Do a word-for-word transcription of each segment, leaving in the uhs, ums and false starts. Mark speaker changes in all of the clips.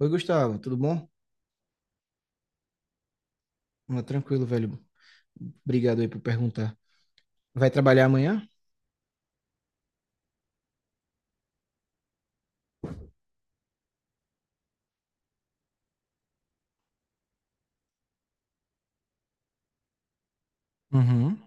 Speaker 1: Oi, Gustavo, tudo bom? Ah, tranquilo, velho. Obrigado aí por perguntar. Vai trabalhar amanhã? Uhum,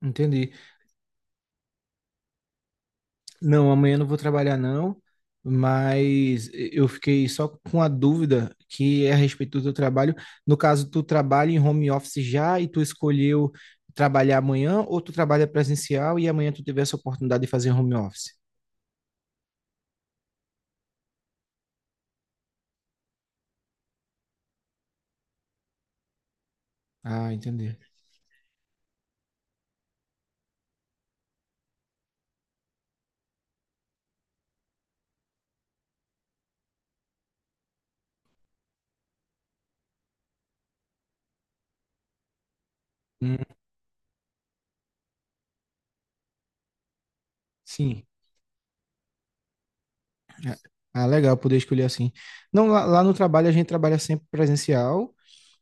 Speaker 1: entendi. Não, amanhã não vou trabalhar não, mas eu fiquei só com a dúvida que é a respeito do teu trabalho. No caso, tu trabalha em home office já e tu escolheu trabalhar amanhã ou tu trabalha presencial e amanhã tu teve essa oportunidade de fazer home office? Ah, entendi. Hum, sim. Ah, ah, legal poder escolher assim. Não, lá, lá no trabalho a gente trabalha sempre presencial.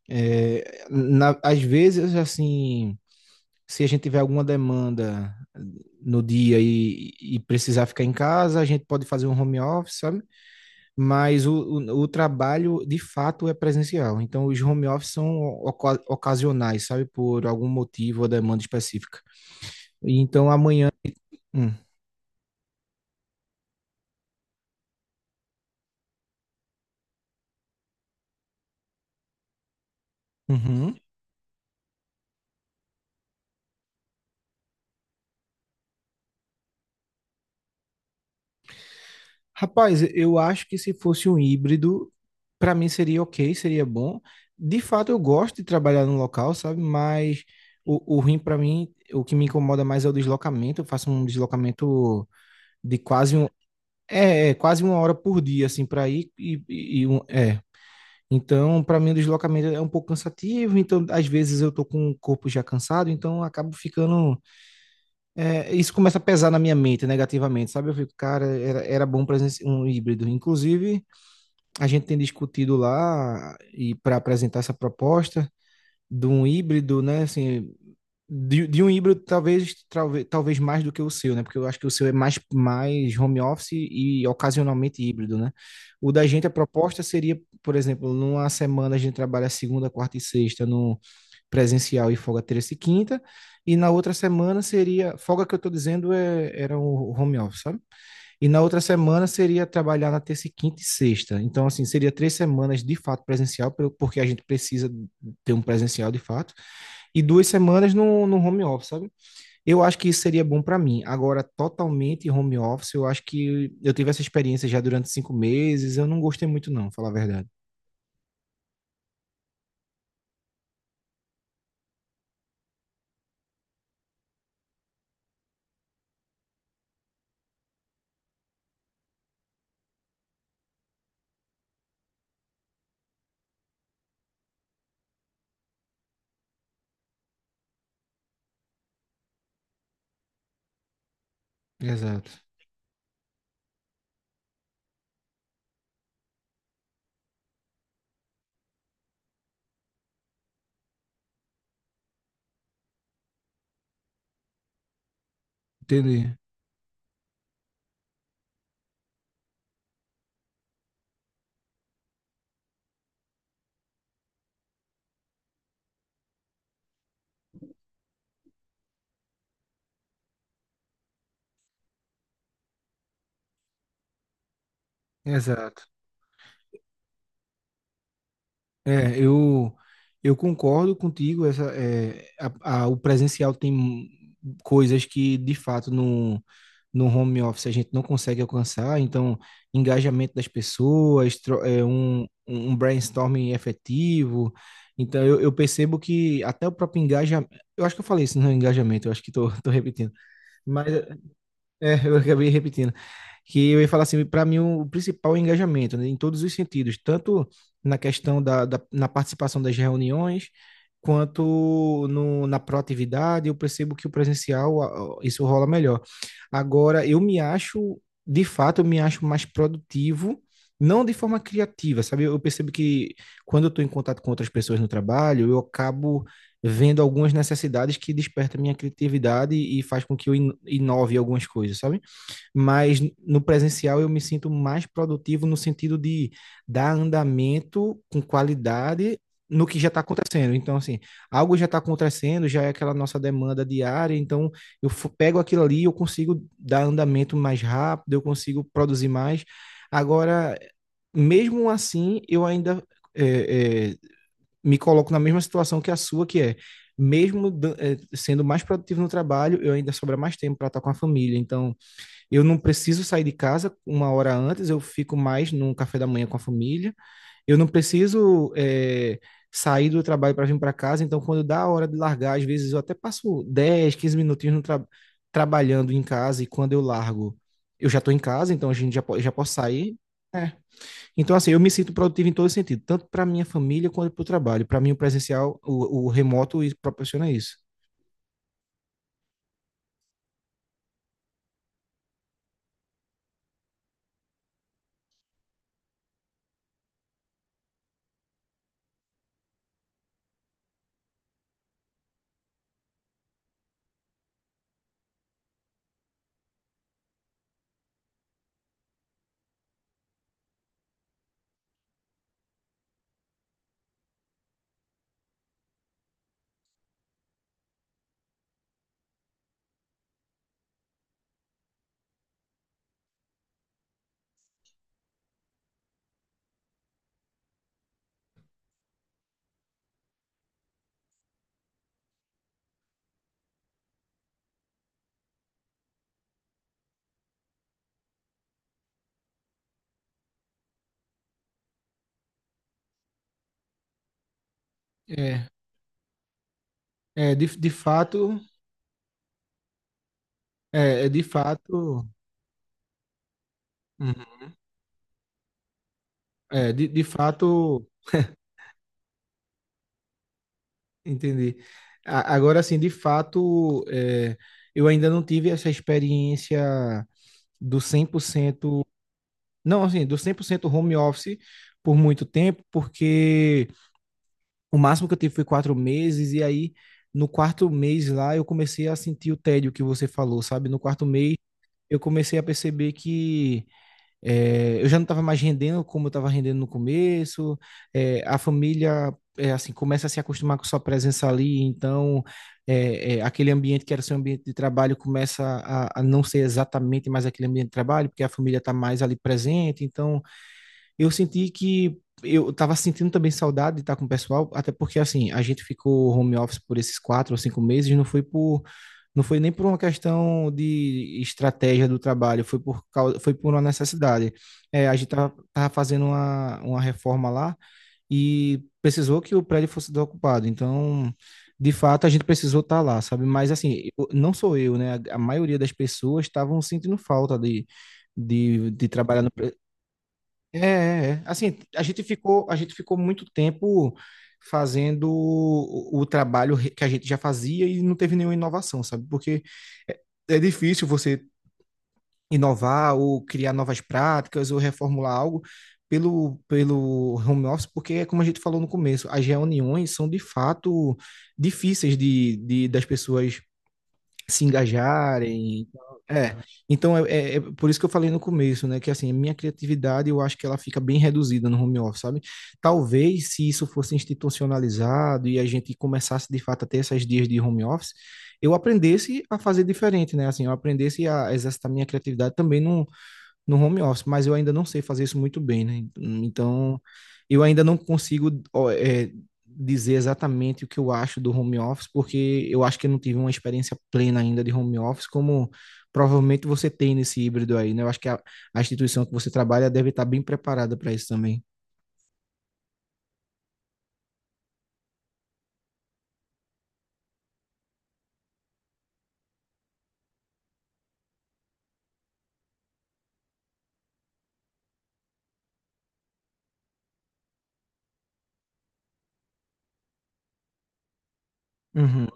Speaker 1: É, na- às vezes, assim, se a gente tiver alguma demanda no dia e, e precisar ficar em casa, a gente pode fazer um home office, sabe? Mas o, o, o trabalho, de fato, é presencial. Então, os home office são oca- ocasionais, sabe? Por algum motivo ou demanda específica. Então, amanhã. Hum, uhum. Rapaz, eu acho que se fosse um híbrido, para mim seria ok, seria bom. De fato, eu gosto de trabalhar no local, sabe? Mas o, o ruim para mim, o que me incomoda mais é o deslocamento. Eu faço um deslocamento de quase um, é, é, quase uma hora por dia, assim, para ir e, e- e um, é. Então, para mim, o deslocamento é um pouco cansativo. Então, às vezes eu tô com o corpo já cansado, então eu acabo ficando. é, isso começa a pesar na minha mente negativamente, sabe? Eu fico, cara, era, era bom presença um híbrido, inclusive a gente tem discutido lá e para apresentar essa proposta de um híbrido, né? Assim, de, de, um híbrido talvez, talvez talvez mais do que o seu, né? Porque eu acho que o seu é mais mais home office e ocasionalmente híbrido, né? O da gente a proposta seria, por exemplo, numa semana a gente trabalha segunda, quarta e sexta no presencial e folga terça e quinta, e na outra semana seria folga que eu estou dizendo é, era o home office, sabe? E na outra semana seria trabalhar na terça, e quinta e sexta. Então, assim, seria três semanas de fato presencial, pelo- porque a gente precisa ter um presencial de fato, e duas semanas no, no home office, sabe? Eu acho que isso seria bom para mim. Agora, totalmente home office, eu acho que eu tive essa experiência já durante cinco meses, eu não gostei muito, não, falar a verdade. Exato. Entendi. Exato. É, eu, eu concordo contigo. Essa, é, a- a- o presencial tem coisas que, de fato, no, no home office a gente não consegue alcançar. Então, engajamento das pessoas, tro- é, um, um brainstorming efetivo. Então, eu, eu percebo que até o próprio engajamento. Eu acho que eu falei isso no engajamento, eu acho que estou repetindo. Mas é, eu acabei repetindo. Que eu ia falar assim, para mim o principal é o engajamento, né, em todos os sentidos, tanto na questão da, da na participação das reuniões, quanto no, na proatividade, eu percebo que o presencial a- a- isso rola melhor. Agora, eu me acho, de fato, eu me acho mais produtivo, não de forma criativa, sabe? Eu, eu percebo que quando eu estou em contato com outras pessoas no trabalho, eu acabo vendo algumas necessidades que desperta minha criatividade e faz com que eu inove algumas coisas, sabe? Mas no presencial eu me sinto mais produtivo no sentido de dar andamento com qualidade no que já está acontecendo. Então, assim, algo já está acontecendo, já é aquela nossa demanda diária, então eu pego aquilo ali e eu consigo dar andamento mais rápido, eu consigo produzir mais. Agora, mesmo assim, eu ainda é, é, me coloco na mesma situação que a sua, que é, mesmo eh, sendo mais produtivo no trabalho, eu ainda sobra mais tempo para estar com a família. Então, eu não preciso sair de casa uma hora antes, eu fico mais num café da manhã com a família. Eu não preciso eh, sair do trabalho para vir para casa. Então, quando dá a hora de largar, às vezes eu até passo dez, quinze minutinhos no tra trabalhando em casa e quando eu largo, eu já estou em casa, então a gente já, po já posso sair. É, então, assim, eu me sinto produtivo em todo sentido, tanto para minha família quanto para o trabalho. Para mim, o presencial, o, o remoto e proporciona isso. É, é de, de fato, é, é de fato, uhum, é, de, de fato, entendi. A- Agora, assim, de fato, é, eu ainda não tive essa experiência do cem por cento não, assim, do cem por cento home office por muito tempo, porque o máximo que eu tive foi quatro meses, e aí no quarto mês lá eu comecei a sentir o tédio que você falou, sabe? No quarto mês eu comecei a perceber que eh, eu já não estava mais rendendo como eu estava rendendo no começo, eh, a família eh, assim começa a se acostumar com sua presença ali, então eh, eh, aquele ambiente que era seu ambiente de trabalho começa a, a não ser exatamente mais aquele ambiente de trabalho, porque a família está mais ali presente, então eu senti que eu tava sentindo também saudade de estar com o pessoal, até porque assim, a gente ficou home office por esses quatro ou cinco meses, não foi por, não foi nem por uma questão de estratégia do trabalho, foi por causa, foi por uma necessidade. É, a gente tava, tava fazendo uma, uma reforma lá e precisou que o prédio fosse desocupado, então de fato a gente precisou estar lá, sabe? Mas assim, eu- não sou eu, né? A, a maioria das pessoas estavam sentindo falta de, de, de trabalhar no, é, é, é. Assim, a gente ficou, a gente ficou muito tempo fazendo o, o trabalho re- que a gente já fazia e não teve nenhuma inovação, sabe? Porque é, é difícil você inovar ou criar novas práticas ou reformular algo pelo, pelo home office, porque é como a gente falou no começo, as reuniões são de fato difíceis de, de das pessoas se engajarem. Então, É, então é, é- é por isso que eu falei no começo, né, que assim, a minha criatividade eu acho que ela fica bem reduzida no home office, sabe? Talvez se isso fosse institucionalizado e a gente começasse de fato a ter esses dias de home office, eu aprendesse a fazer diferente, né? Assim, eu aprendesse a exercitar minha criatividade também num, no home office, mas eu ainda não sei fazer isso muito bem, né? Então, eu ainda não consigo ó, é, dizer exatamente o que eu acho do home office, porque eu acho que eu não tive uma experiência plena ainda de home office, como provavelmente você tem nesse híbrido aí, né? Eu acho que a, a instituição que você trabalha deve estar bem preparada para isso também. Uhum.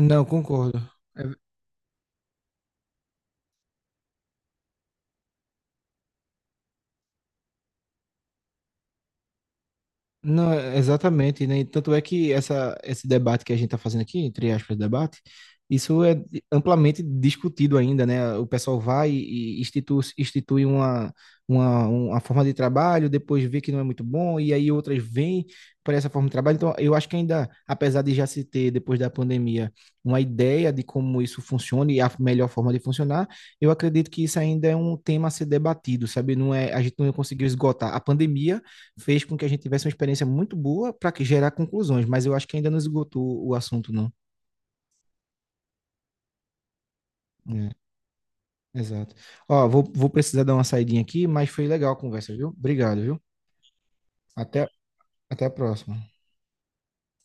Speaker 1: Não, concordo. Não, é- exatamente, né? E tanto é que essa, esse debate que a gente está fazendo aqui, entre aspas, debate, isso é amplamente discutido ainda, né? O pessoal vai e institui, institui uma, uma, uma forma de trabalho, depois vê que não é muito bom, e aí outras vêm para essa forma de trabalho. Então, eu acho que ainda, apesar de já se ter, depois da pandemia, uma ideia de como isso funciona e a melhor forma de funcionar, eu acredito que isso ainda é um tema a ser debatido, sabe? Não é, a gente não conseguiu esgotar. A pandemia fez com que a gente tivesse uma experiência muito boa para gerar conclusões, mas eu acho que ainda não esgotou o assunto, não. É, exato. Ó, vou, vou precisar dar uma saidinha aqui, mas foi legal a conversa, viu? Obrigado, viu? Até, até a próxima.